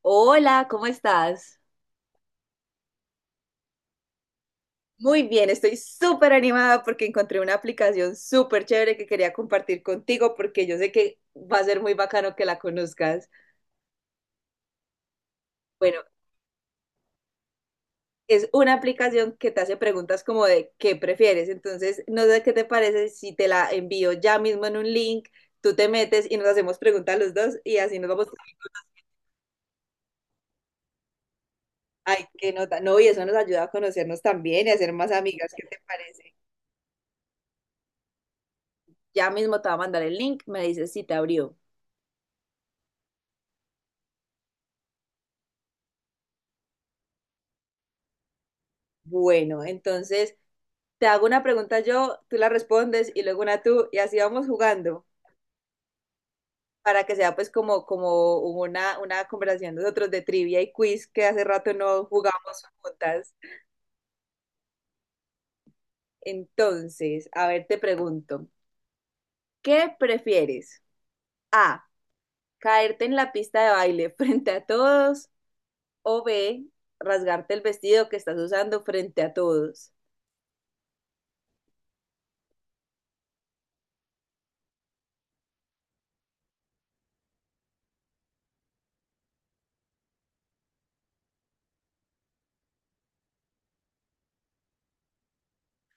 Hola, ¿cómo estás? Muy bien, estoy súper animada porque encontré una aplicación súper chévere que quería compartir contigo porque yo sé que va a ser muy bacano que la conozcas. Bueno, es una aplicación que te hace preguntas como de qué prefieres. Entonces, no sé qué te parece si te la envío ya mismo en un link, tú te metes y nos hacemos preguntas los dos y así nos vamos. Ay, qué nota. No, y eso nos ayuda a conocernos también y a ser más amigas. ¿Qué te parece? Ya mismo te va a mandar el link, me dices si te abrió. Bueno, entonces te hago una pregunta yo, tú la respondes y luego una tú y así vamos jugando para que sea pues como, como una conversación de nosotros de trivia y quiz que hace rato no jugamos juntas. Entonces, a ver, te pregunto, ¿qué prefieres? A, caerte en la pista de baile frente a todos o B, rasgarte el vestido que estás usando frente a todos.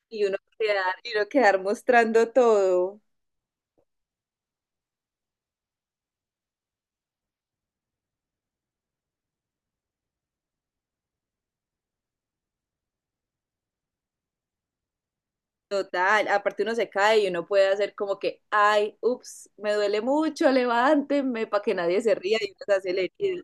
Y uno quedar mostrando todo. Total, aparte uno se cae y uno puede hacer como que, ay, ups, me duele mucho, levántenme para que nadie se ría y uno se hace el herido.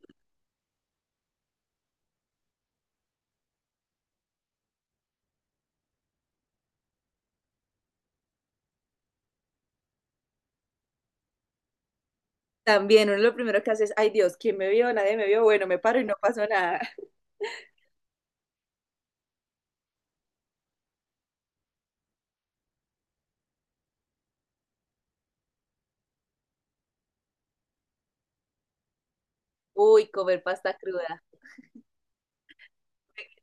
También uno lo primero que hace es, ay Dios, ¿quién me vio? Nadie me vio, bueno, me paro y no pasó nada. Uy, comer pasta cruda.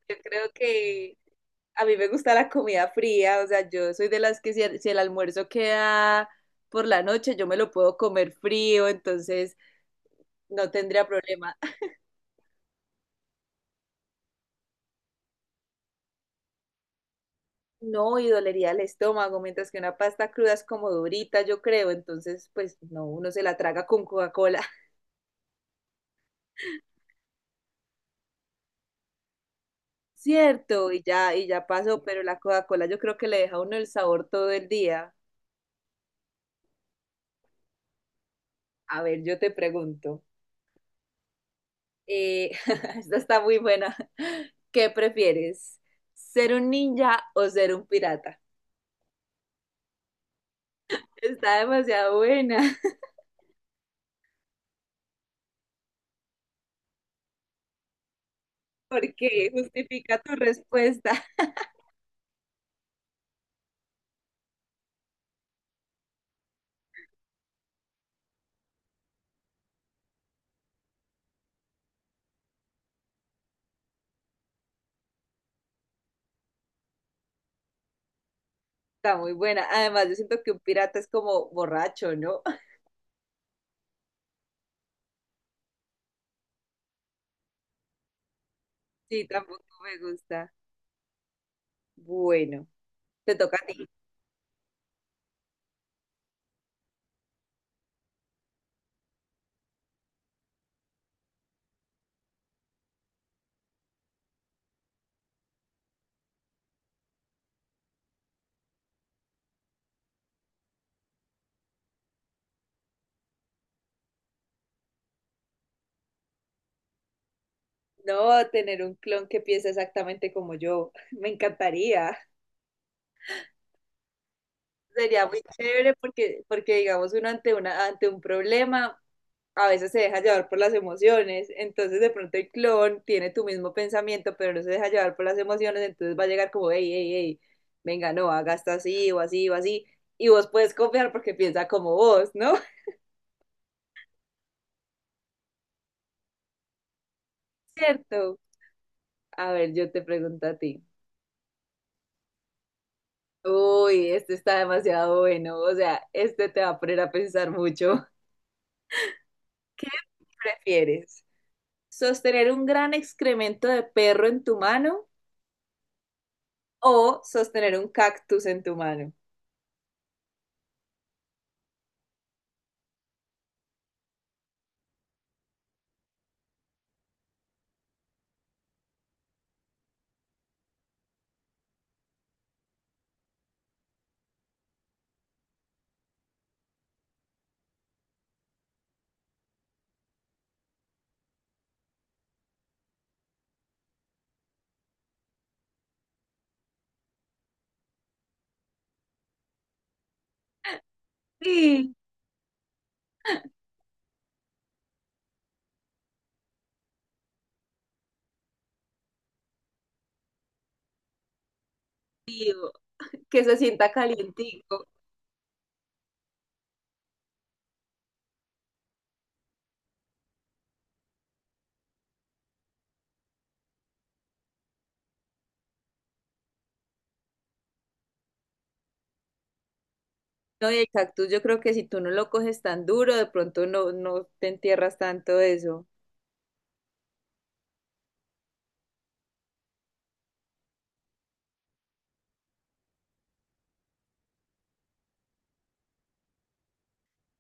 Yo creo que a mí me gusta la comida fría, o sea, yo soy de las que si si el almuerzo queda por la noche, yo me lo puedo comer frío, entonces no tendría problema. No, y dolería el estómago, mientras que una pasta cruda es como durita, yo creo, entonces pues no, uno se la traga con Coca-Cola. Cierto, y ya pasó, pero la Coca-Cola yo creo que le deja a uno el sabor todo el día. A ver, yo te pregunto, eh, esta está muy buena, ¿qué prefieres? ¿Ser un ninja o ser un pirata? Está demasiado buena, porque justifica tu respuesta. Está muy buena, además yo siento que un pirata es como borracho, ¿no? Sí, tampoco me gusta. Bueno, te toca a ti. No, tener un clon que piense exactamente como yo. Me encantaría. Sería muy chévere porque, porque digamos, uno ante una, ante un problema a veces se deja llevar por las emociones. Entonces, de pronto el clon tiene tu mismo pensamiento, pero no se deja llevar por las emociones. Entonces va a llegar como, hey, hey, hey, venga, no, haga esto así o así o así. Y vos puedes confiar porque piensa como vos, ¿no? Cierto. A ver, yo te pregunto a ti. Uy, este está demasiado bueno. O sea, este te va a poner a pensar mucho. ¿Qué prefieres? ¿Sostener un gran excremento de perro en tu mano o sostener un cactus en tu mano? Sí, tío, que se sienta calientico. No, y el cactus yo creo que si tú no lo coges tan duro, de pronto no, no te entierras tanto de eso.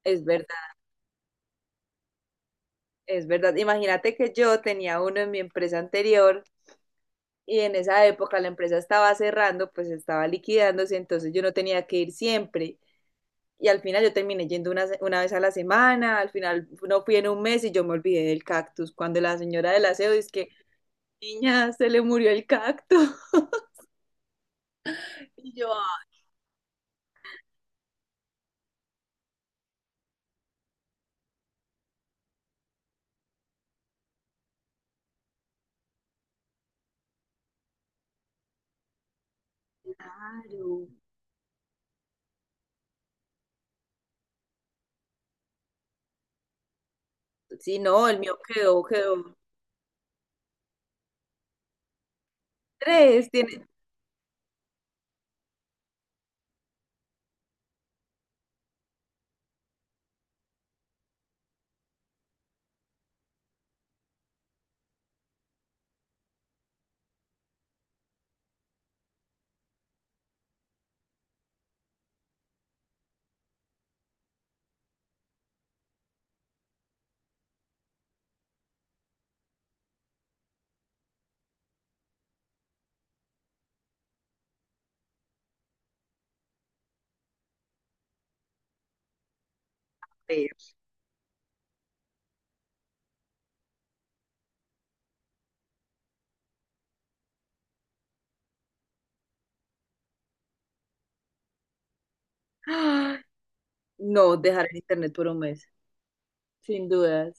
Es verdad, es verdad. Imagínate que yo tenía uno en mi empresa anterior y en esa época la empresa estaba cerrando, pues estaba liquidándose, entonces yo no tenía que ir siempre. Y al final yo terminé yendo una vez a la semana, al final no fui en 1 mes y yo me olvidé del cactus. Cuando la señora del aseo dice que, niña, se le murió el cactus. Y yo, "Ah, claro. Sí, no, el mío quedó, quedó tres, tiene tres. Ah, no, dejar el internet por 1 mes, sin dudas.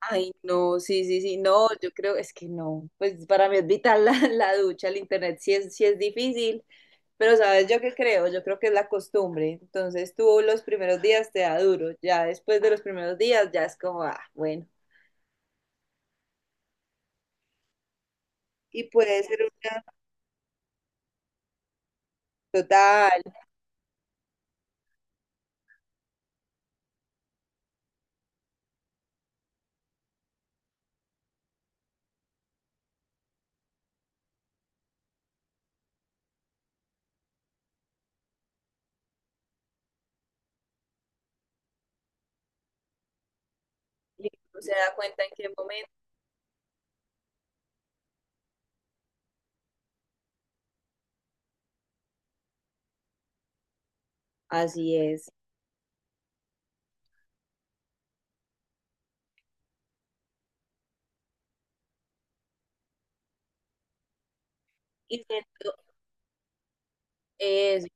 Ay, no, sí, sí, sí, no, yo creo, es que no, pues para mí es vital la ducha, el internet sí es difícil, pero sabes yo qué creo, yo creo que es la costumbre, entonces tú los primeros días te da duro, ya después de los primeros días ya es como, ah, bueno, y puede ser una total, y uno se da cuenta en qué momento, así es, y siento eso,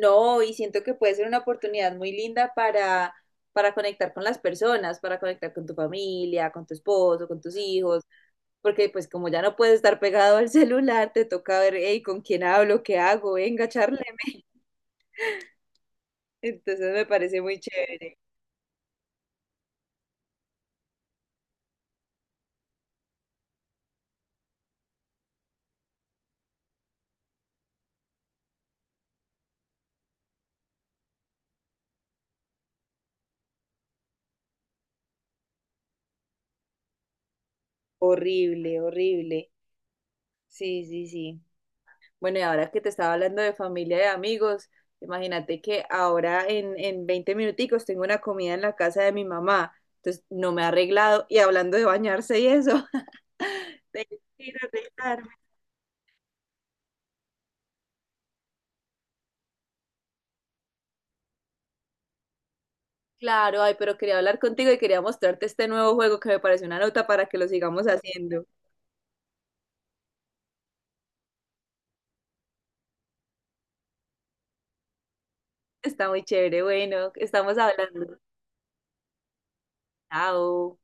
no, y siento que puede ser una oportunidad muy linda para conectar con las personas, para conectar con tu familia, con tu esposo, con tus hijos porque pues como ya no puedes estar pegado al celular, te toca ver, hey, ¿con quién hablo? ¿Qué hago? Venga, charleme. Entonces me parece muy chévere. Horrible, horrible. Sí, sí, sí. Bueno, y ahora que te estaba hablando de familia y de amigos, imagínate que ahora en 20 minuticos tengo una comida en la casa de mi mamá. Entonces no me ha arreglado y hablando de bañarse y eso, tengo que ir a arreglarme. Claro, ay, pero quería hablar contigo y quería mostrarte este nuevo juego que me parece una nota para que lo sigamos haciendo. Está muy chévere. Bueno, estamos hablando. Chao.